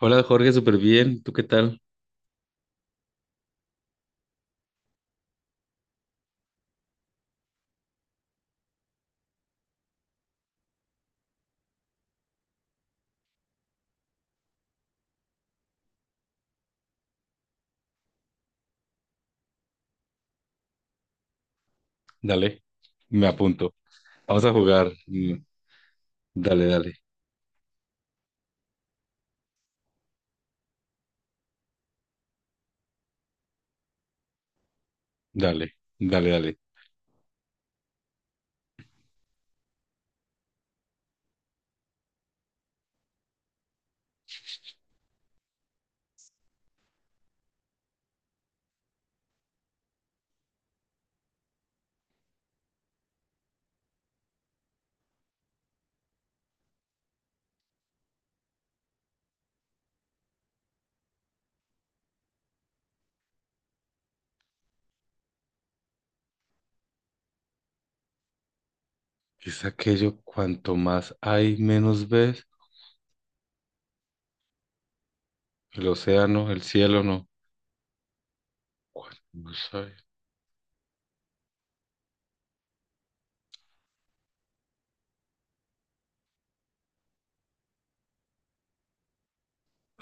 Hola Jorge, súper bien. ¿Tú qué tal? Dale, me apunto. Vamos a jugar. Dale, dale, dale, dale, dale. Es aquello, cuanto más hay, menos ves. El océano, el cielo, no. Cuanto más hay.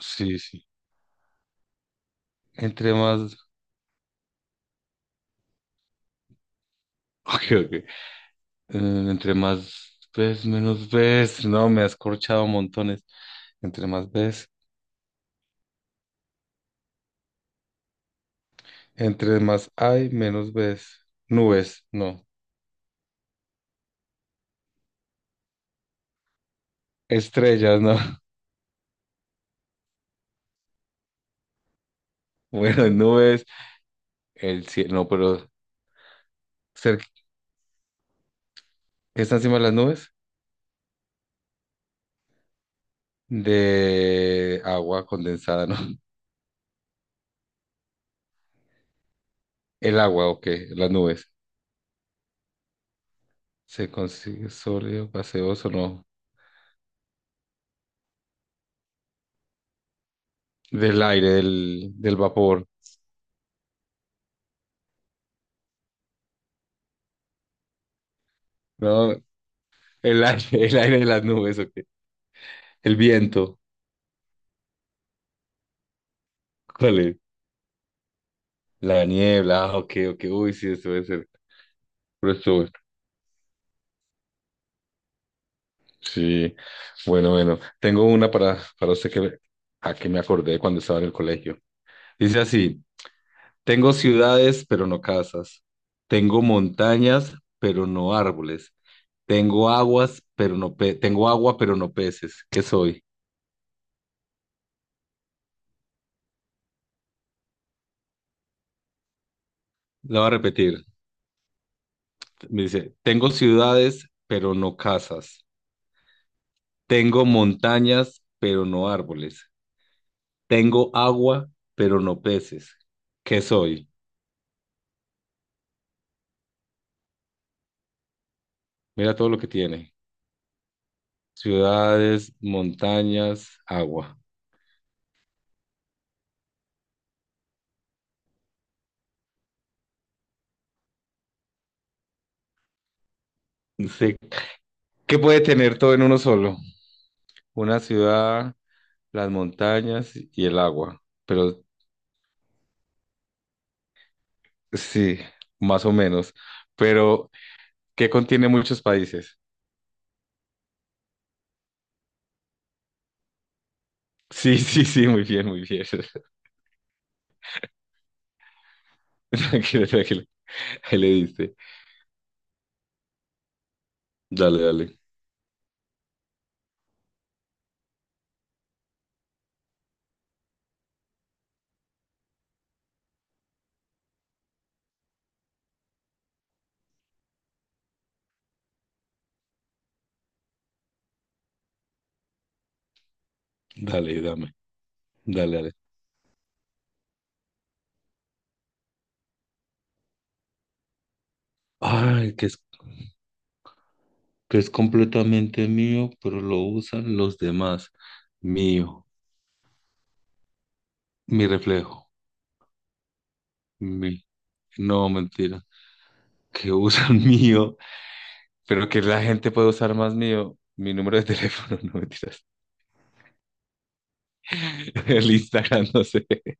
Sí, sí. Entre más... Ok, ok. Entre más ves, menos ves. No, me has corchado montones. Entre más ves. Entre más hay, menos ves. Nubes, no. Estrellas, no. Bueno, nubes, el cielo, no, pero... cerca, que está encima de las nubes, de agua condensada, ¿no? El agua, ok, las nubes. ¿Se consigue sólido, gaseoso, no? Del aire, del vapor, ¿no? El aire, el aire de las nubes, ok. El viento, ¿cuál es? La niebla, ah, ok, ok, uy, sí, eso debe ser, pero estuvo bueno. Sí, bueno, bueno. Tengo una para usted que, a que me acordé cuando estaba en el colegio. Dice así. Tengo ciudades, pero no casas. Tengo montañas, pero no árboles. Tengo agua, pero no peces. ¿Qué soy? La voy a repetir. Me dice, tengo ciudades, pero no casas. Tengo montañas, pero no árboles. Tengo agua, pero no peces. ¿Qué soy? Mira todo lo que tiene. Ciudades, montañas, agua. No. ¿Qué puede tener todo en uno solo? Una ciudad, las montañas y el agua, pero sí, más o menos. Pero, ¿qué contiene muchos países? Sí, sí, sí, muy bien, muy bien. Tranquilo, tranquilo. Ahí le diste. Dale, dale, dale, dame, dale, dale. Ay, que es, que es completamente mío, pero lo usan los demás. Mío, mi reflejo, mi, no, mentira. Que usan mío, pero que la gente puede usar más mío. Mi número de teléfono, no mentiras. El Instagram, no sé.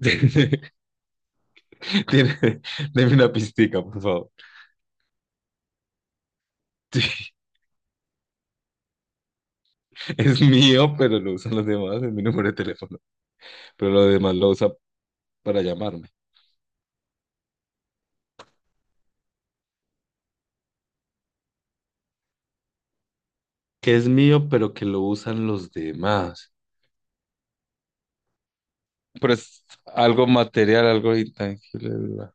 Tiene, deme una pistica, por favor. Sí, es mío, pero lo usan los demás, es mi número de teléfono. Pero lo demás lo usa para llamarme. Que es mío, pero que lo usan los demás. Pero es algo material, algo intangible, ¿verdad?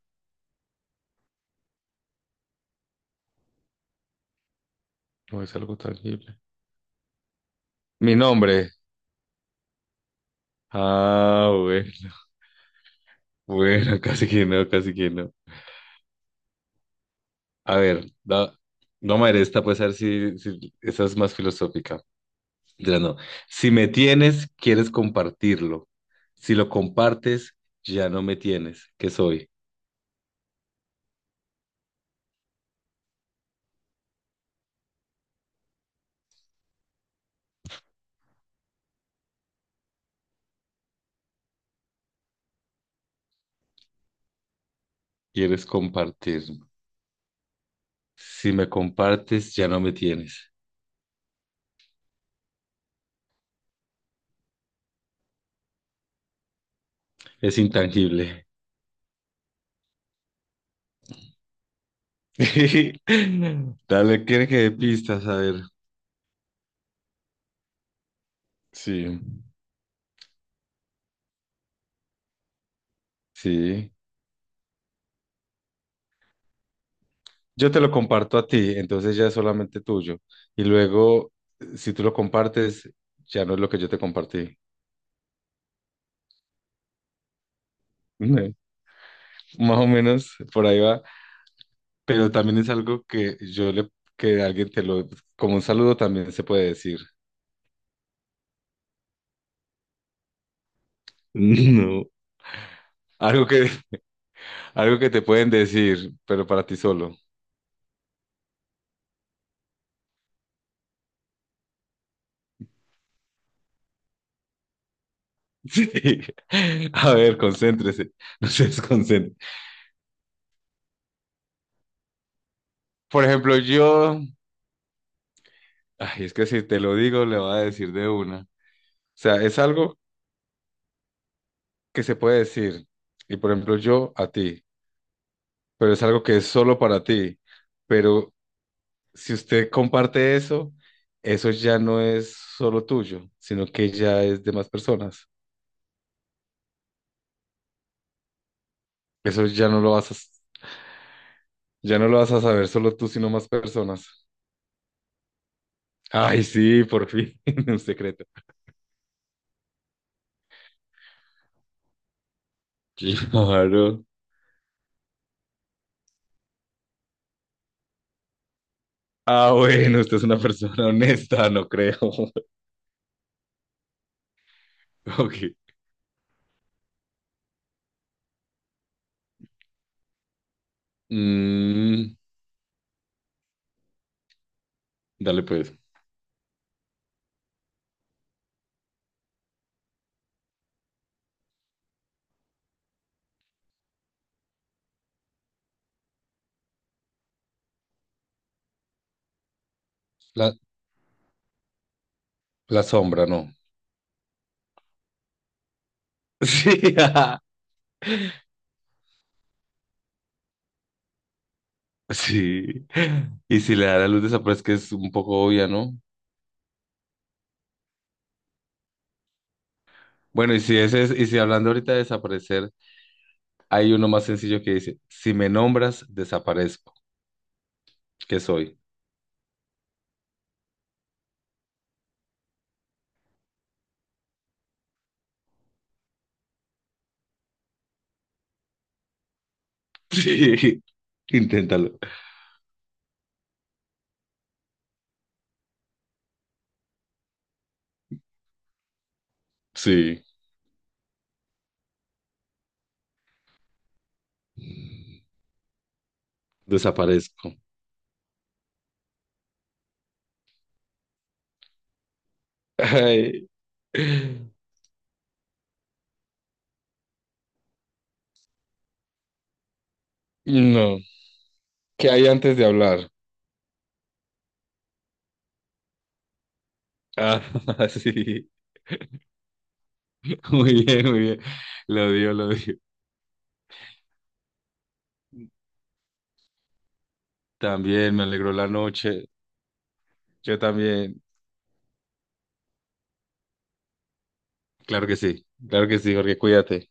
No es algo tangible. Mi nombre. Ah, bueno. Bueno, casi que no, casi que no. A ver, da, no, Mayra, esta pues a ver si esta es más filosófica. Ya no. Si me tienes, quieres compartirlo. Si lo compartes, ya no me tienes. ¿Qué soy? Quieres compartirlo. Si me compartes, ya no me tienes. Es intangible. Dale, quiere que dé pistas, a ver. Sí. Sí. Yo te lo comparto a ti, entonces ya es solamente tuyo. Y luego, si tú lo compartes, ya no es lo que yo te compartí. Más o menos, por ahí va. Pero también es algo que alguien te lo, como un saludo también se puede decir. No. Algo que, algo que te pueden decir, pero para ti solo. Sí. A ver, concéntrese. No se desconcentre. Por ejemplo, yo, ay, es que si te lo digo, le voy a decir de una. O sea, es algo que se puede decir. Y por ejemplo, yo a ti, pero es algo que es solo para ti. Pero si usted comparte eso, eso ya no es solo tuyo, sino que ya es de más personas. Eso ya no lo vas a, ya no lo vas a saber solo tú, sino más personas. Ay, sí, por fin, un secreto. Claro. Ah, bueno, usted es una persona honesta, no creo. Ok. Mm, dale pues. La, la sombra, no. Sí, ajá. Sí. Y si le da la luz desaparece, que es un poco obvia, ¿no? Bueno, y si ese es, y si hablando ahorita de desaparecer, hay uno más sencillo que dice, si me nombras, desaparezco. ¿Qué soy? Sí, inténtalo. Sí, desaparezco. Ay, no. ¿Qué hay antes de hablar? Ah, sí, muy bien, muy bien. Lo dio, lo dio. También me alegró la noche. Yo también. Claro que sí, Jorge, cuídate.